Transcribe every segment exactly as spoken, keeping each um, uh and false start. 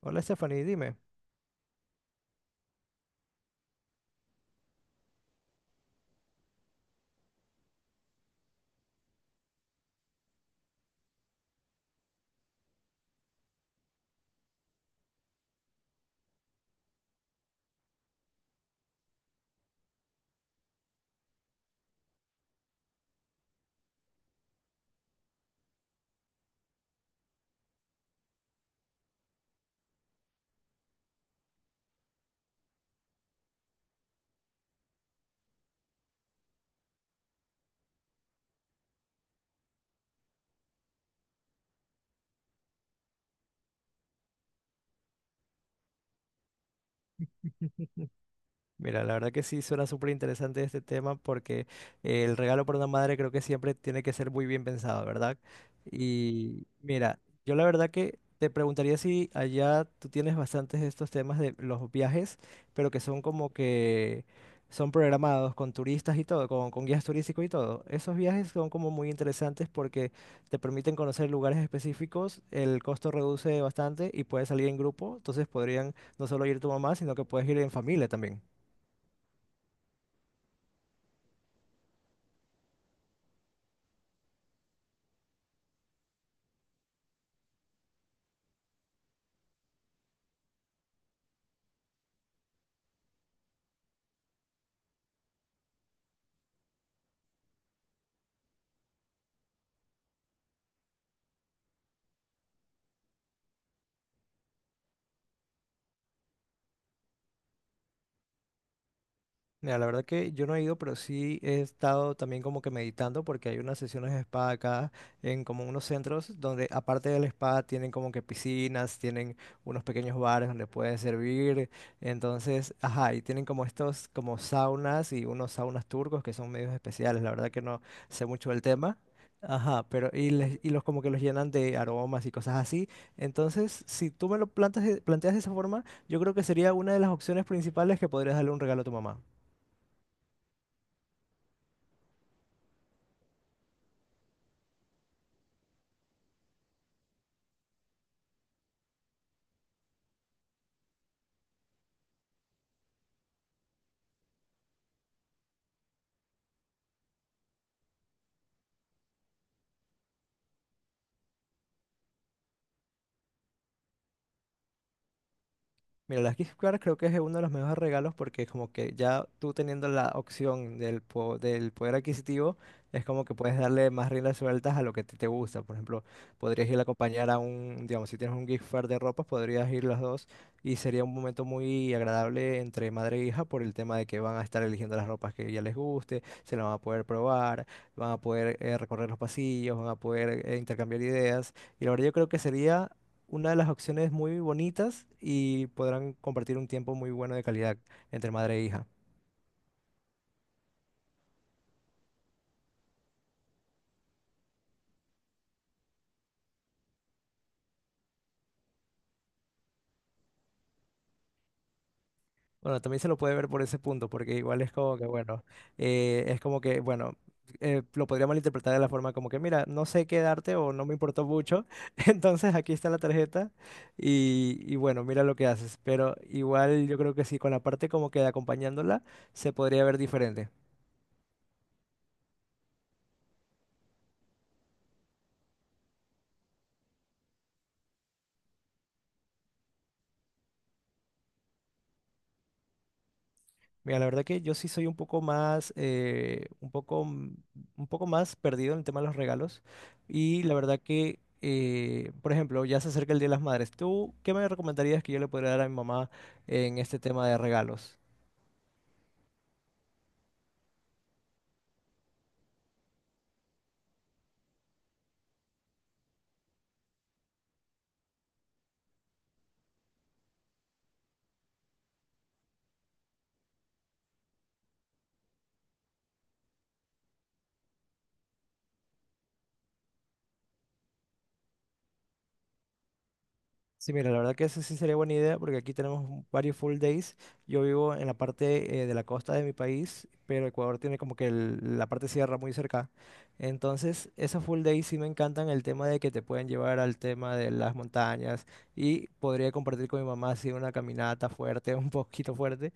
Hola Stephanie, dime. Mira, la verdad que sí suena súper interesante este tema porque eh, el regalo para una madre creo que siempre tiene que ser muy bien pensado, ¿verdad? Y mira, yo la verdad que te preguntaría si allá tú tienes bastantes de estos temas de los viajes, pero que son como que son programados con turistas y todo, con, con guías turísticos y todo. Esos viajes son como muy interesantes porque te permiten conocer lugares específicos, el costo reduce bastante y puedes salir en grupo, entonces podrían no solo ir tu mamá, sino que puedes ir en familia también. Mira, la verdad que yo no he ido, pero sí he estado también como que meditando porque hay unas sesiones de espada acá en como unos centros donde aparte del la tienen como que piscinas, tienen unos pequeños bares donde pueden servir, entonces, ajá, y tienen como estos como saunas y unos saunas turcos que son medios especiales, la verdad que no sé mucho del tema. Ajá, pero y, les- y los como que los llenan de aromas y cosas así. Entonces, si tú me lo plantas, de- planteas de esa forma, yo creo que sería una de las opciones principales que podrías darle un regalo a tu mamá. Mira, las gift cards creo que es uno de los mejores regalos porque como que ya tú teniendo la opción del, po- del poder adquisitivo, es como que puedes darle más riendas sueltas a lo que te, te gusta. Por ejemplo, podrías ir a acompañar a un, digamos, si tienes un gift card de ropa, podrías ir los dos y sería un momento muy agradable entre madre e hija por el tema de que van a estar eligiendo las ropas que ya les guste, se las van a poder probar, van a poder eh, recorrer los pasillos, van a poder eh, intercambiar ideas. Y la verdad yo creo que sería una de las opciones muy bonitas y podrán compartir un tiempo muy bueno de calidad entre madre e hija. Bueno, también se lo puede ver por ese punto, porque igual es como que, bueno, eh, es como que, bueno, eh, lo podría malinterpretar de la forma como que, mira, no sé qué darte o no me importó mucho, entonces aquí está la tarjeta y, y bueno, mira lo que haces. Pero igual yo creo que sí, con la parte como que de acompañándola, se podría ver diferente. Mira, la verdad que yo sí soy un poco más, eh, un poco, m- un poco más perdido en el tema de los regalos. Y la verdad que, eh, por ejemplo, ya se acerca el Día de las Madres. ¿Tú qué me recomendarías que yo le podría dar a mi mamá en este tema de regalos? Sí, mira, la verdad que eso sí sería buena idea porque aquí tenemos varios full days. Yo vivo en la parte eh, de la costa de mi país, pero Ecuador tiene como que el- la parte sierra muy cerca. Entonces, esos full days sí me encantan el tema de que te pueden llevar al tema de las montañas y podría compartir con mi mamá así una caminata fuerte, un poquito fuerte.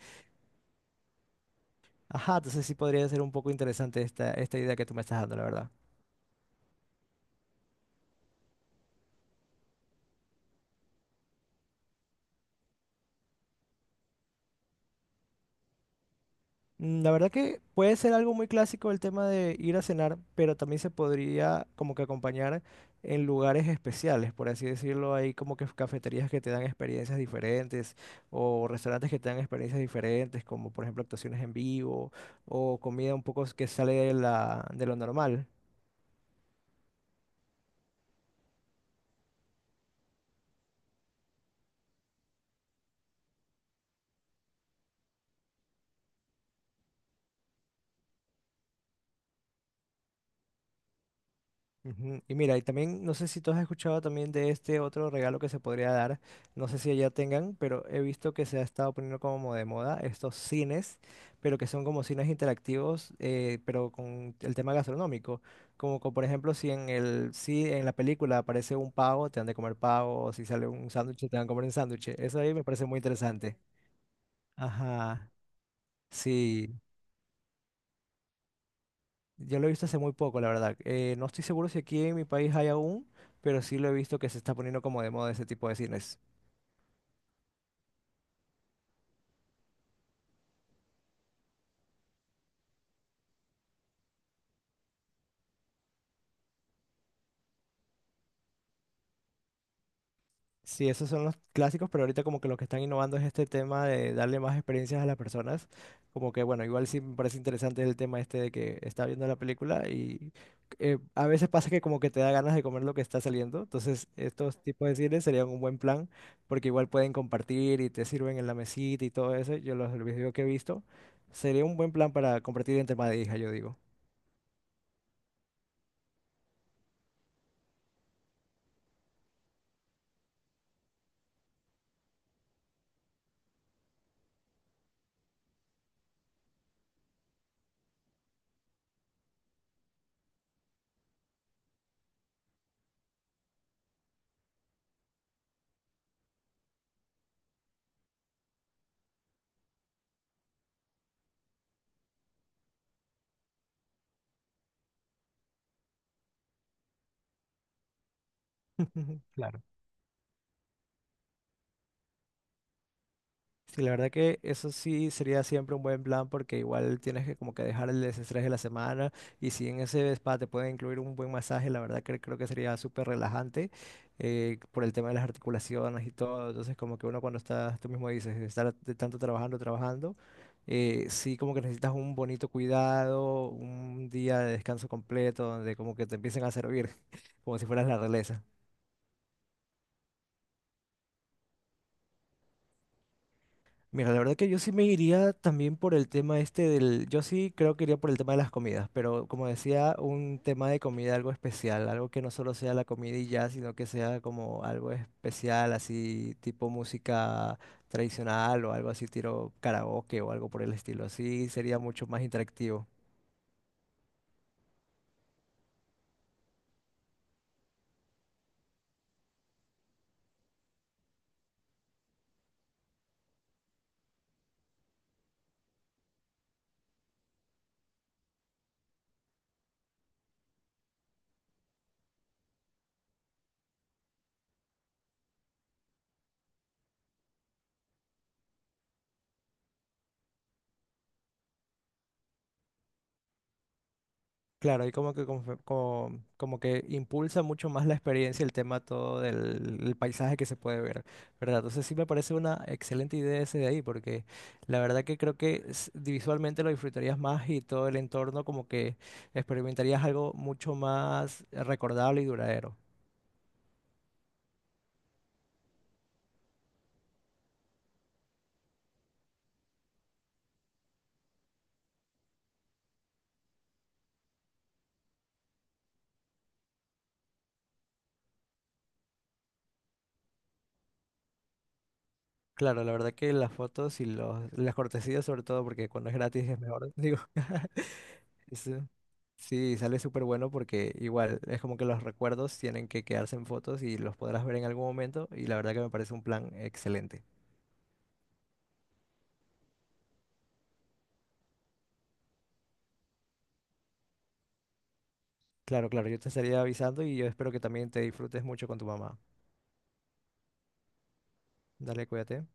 Ajá, entonces sí podría ser un poco interesante esta, esta idea que tú me estás dando, la verdad. Mm, la verdad que puede ser algo muy clásico el tema de ir a cenar, pero también se podría como que acompañar en lugares especiales, por así decirlo. Hay como que cafeterías que te dan experiencias diferentes o restaurantes que te dan experiencias diferentes, como por ejemplo actuaciones en vivo o comida un poco que sale de la, de lo normal. Ujú. Y mira, y también no sé si tú has escuchado también de este otro regalo que se podría dar, no sé si allá tengan, pero he visto que se ha estado poniendo como de moda estos cines, pero que son como cines interactivos, eh, pero con el tema gastronómico, como, co- por ejemplo si en el si en la película aparece un pavo, te han de comer pavo, o si sale un sándwich, te van a comer un sándwich. Eso ahí me parece muy interesante. Ajá, sí. Yo lo he visto hace muy poco, la verdad. Eh, no estoy seguro si aquí en mi país hay aún, pero sí lo he visto que se está poniendo como de moda ese tipo de cines. Sí, esos son los clásicos, pero ahorita como que lo que están innovando es este tema de darle más experiencias a las personas. Como que, bueno, igual sí me parece interesante el tema este de que está viendo la película y eh, a veces pasa que como que te da ganas de comer lo que está saliendo. Entonces, estos tipos de cines serían un buen plan porque igual pueden compartir y te sirven en la mesita y todo eso. Yo los, los videos que he visto, sería un buen plan para compartir entre madre e hija, yo digo. Claro. Sí, la verdad que eso sí sería siempre un buen plan porque igual tienes que como que dejar el desestrés de la semana y si en ese spa te pueden incluir un buen masaje, la verdad que creo que sería súper relajante eh, por el tema de las articulaciones y todo. Entonces como que uno cuando está, tú mismo dices, estar de tanto trabajando, trabajando, eh, sí como que necesitas un bonito cuidado, un día de descanso completo donde como que te empiecen a servir como si fueras la realeza. Mira, la verdad que yo sí me iría también por el tema este del, yo sí creo que iría por el tema de las comidas, pero como decía, un tema de comida algo especial, algo que no solo sea la comida y ya, sino que sea como algo especial, así tipo música tradicional o algo así, tiro karaoke o algo por el estilo, así sería mucho más interactivo. Claro, y como que, confe- como, como que impulsa mucho más la experiencia el tema todo del el paisaje que se puede ver, ¿verdad? Entonces sí me parece una excelente idea ese de ahí, porque la verdad que creo que s- visualmente lo disfrutarías más y todo el entorno como que experimentarías algo mucho más recordable y duradero. Claro, la verdad que las fotos y los, las cortesías sobre todo, porque cuando es gratis es mejor, digo. Ese- Sí, sale súper bueno porque igual es como que los recuerdos tienen que quedarse en fotos y los podrás ver en algún momento y la verdad que me parece un plan excelente. Claro, claro, yo te estaría avisando y yo espero que también te disfrutes mucho con tu mamá. Dale, cuídate.